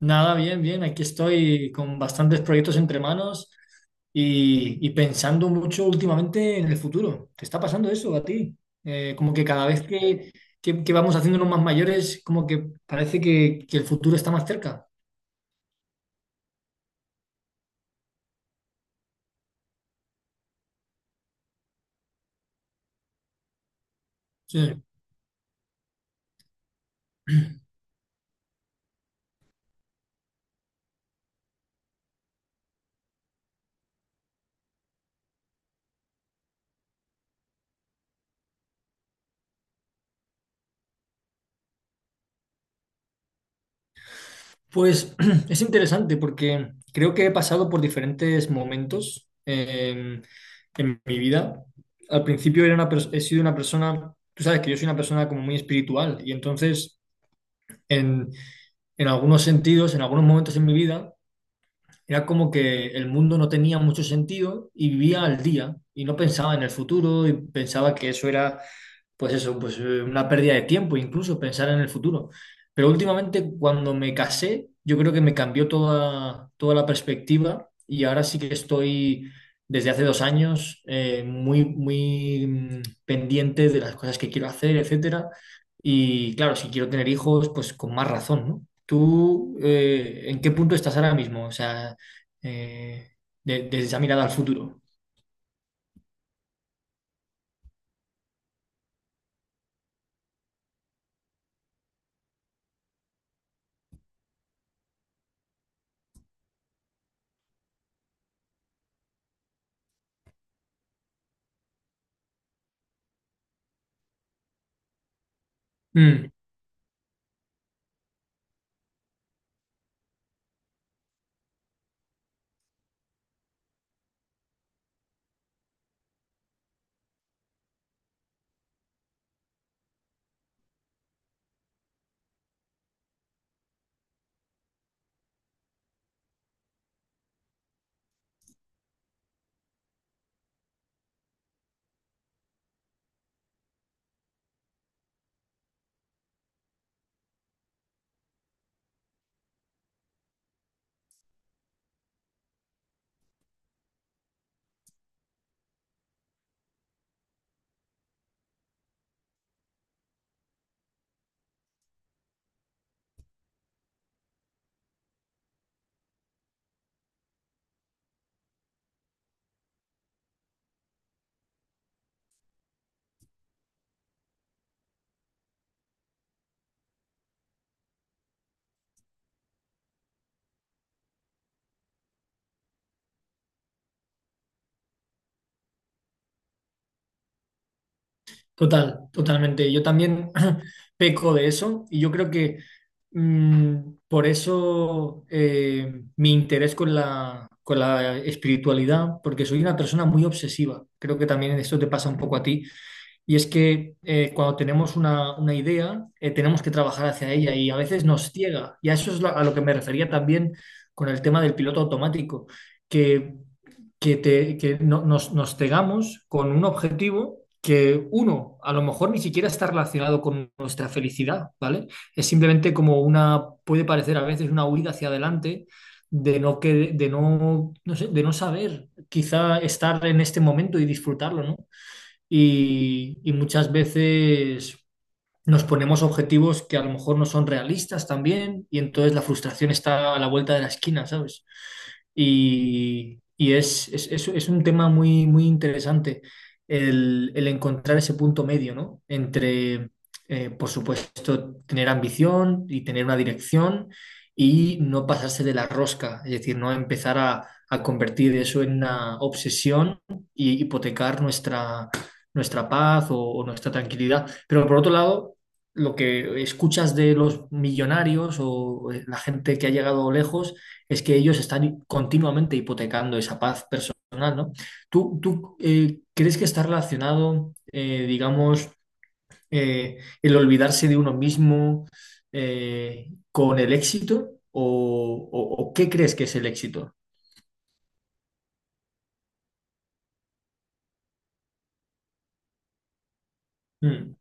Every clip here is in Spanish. Nada, bien, bien. Aquí estoy con bastantes proyectos entre manos y pensando mucho últimamente en el futuro. ¿Te está pasando eso a ti? Como que cada vez que, que vamos haciéndonos más mayores, como que parece que el futuro está más cerca. Sí. Pues es interesante porque creo que he pasado por diferentes momentos en mi vida. Al principio he sido una persona. Tú sabes que yo soy una persona como muy espiritual y entonces, en, en algunos sentidos, en algunos momentos en mi vida, era como que el mundo no tenía mucho sentido y vivía al día y no pensaba en el futuro, y pensaba que eso era, pues eso, pues una pérdida de tiempo, incluso pensar en el futuro. Pero últimamente, cuando me casé, yo creo que me cambió toda la perspectiva, y ahora sí que estoy desde hace dos años muy pendiente de las cosas que quiero hacer, etcétera. Y claro, si quiero tener hijos, pues con más razón, ¿no? ¿Tú en qué punto estás ahora mismo? O sea, eh, desde esa mirada al futuro. Mm. Total, totalmente. Yo también peco de eso, y yo creo que mm, por eso, mi interés con con la espiritualidad, porque soy una persona muy obsesiva. Creo que también esto te pasa un poco a ti. Y es que cuando tenemos una idea, tenemos que trabajar hacia ella y a veces nos ciega. Y a eso es a lo que me refería también con el tema del piloto automático, que, que nos cegamos con un objetivo que uno, a lo mejor ni siquiera está relacionado con nuestra felicidad, ¿vale? Es simplemente como una, puede parecer a veces una huida hacia adelante de no, que, de no, no sé, de no saber quizá estar en este momento y disfrutarlo, ¿no? Y muchas veces nos ponemos objetivos que a lo mejor no son realistas también, y entonces la frustración está a la vuelta de la esquina, ¿sabes? Y es un tema muy interesante el encontrar ese punto medio, ¿no? Entre, por supuesto, tener ambición y tener una dirección, y no pasarse de la rosca, es decir, no empezar a convertir eso en una obsesión y hipotecar nuestra paz o nuestra tranquilidad. Pero por otro lado, lo que escuchas de los millonarios o la gente que ha llegado lejos es que ellos están continuamente hipotecando esa paz personal, ¿no? ¿Tú crees que está relacionado, digamos, el olvidarse de uno mismo con el éxito? ¿O, o qué crees que es el éxito? Mm,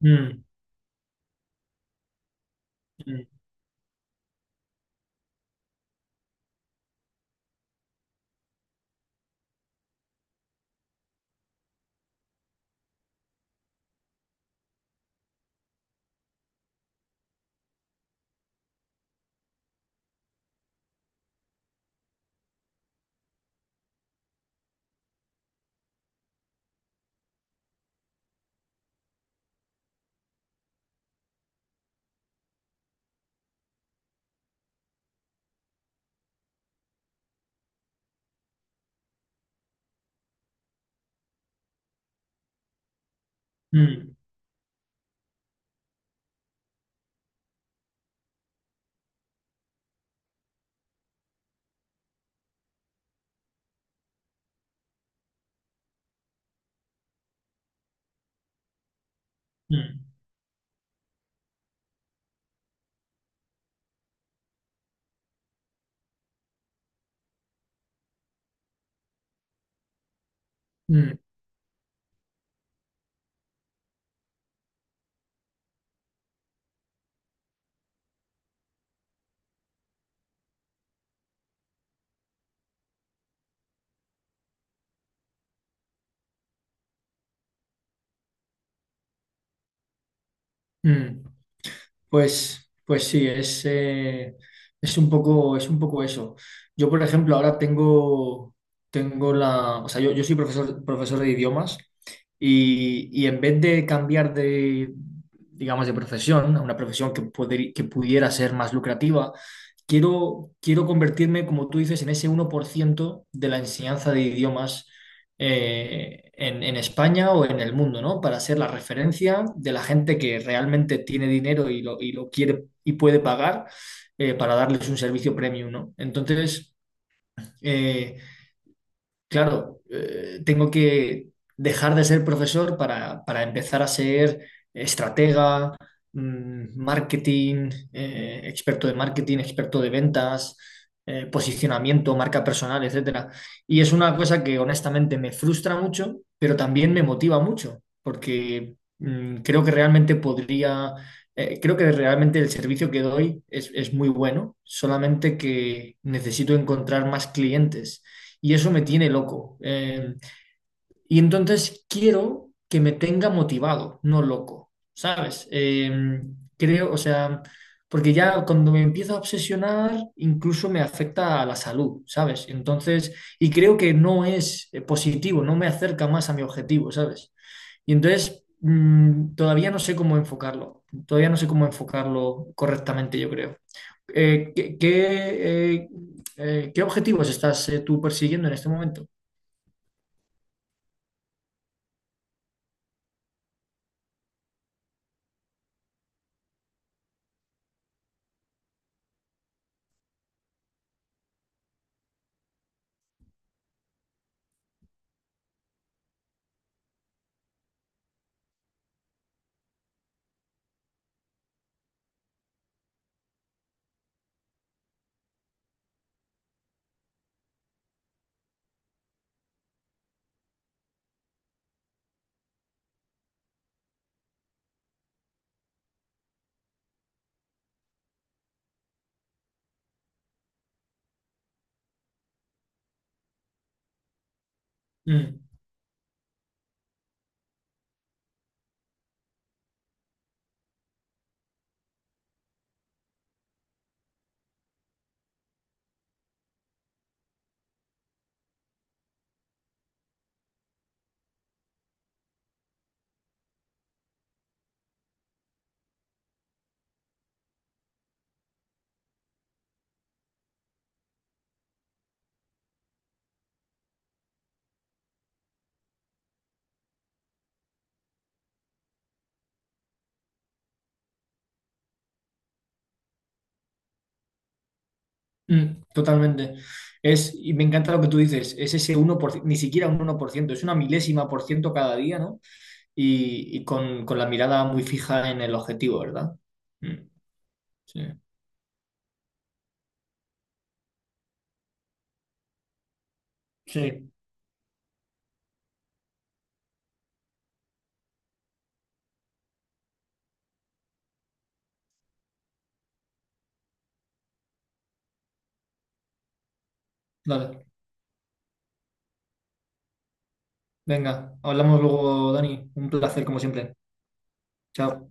mm, mm, mm, mm, mm, mm. Pues sí, es un poco eso. Yo, por ejemplo, ahora tengo, tengo la, o sea, yo soy profesor, profesor de idiomas, y en vez de cambiar de, digamos, de profesión, a una profesión que, que pudiera ser más lucrativa, quiero convertirme, como tú dices, en ese uno por ciento de la enseñanza de idiomas, en España o en el mundo, ¿no? Para ser la referencia de la gente que realmente tiene dinero y y lo quiere y puede pagar, para darles un servicio premium, ¿no? Entonces, eh, claro, tengo que dejar de ser profesor para empezar a ser estratega, marketing, experto de marketing, experto de ventas, posicionamiento, marca personal, etcétera. Y es una cosa que honestamente me frustra mucho, pero también me motiva mucho, porque creo que realmente podría, creo que realmente el servicio que doy es muy bueno, solamente que necesito encontrar más clientes, y eso me tiene loco. Y entonces quiero que me tenga motivado, no loco, ¿sabes? Creo, o sea, porque ya cuando me empiezo a obsesionar, incluso me afecta a la salud, ¿sabes? Entonces, creo que no es positivo, no me acerca más a mi objetivo, ¿sabes? Y entonces, todavía no sé cómo enfocarlo, todavía no sé cómo enfocarlo correctamente, yo creo. Eh, ¿qué, qué, eh, ¿Qué objetivos estás tú persiguiendo en este momento? Mm, mm, totalmente. Es, y me encanta lo que tú dices, es ese 1%, ni siquiera un uno por ciento, es una milésima por ciento cada día, ¿no? Y con la mirada muy fija en el objetivo, ¿verdad? Mm, sí. Sí. Dale, venga, hablamos luego, Dani. Un placer, como siempre. Chao.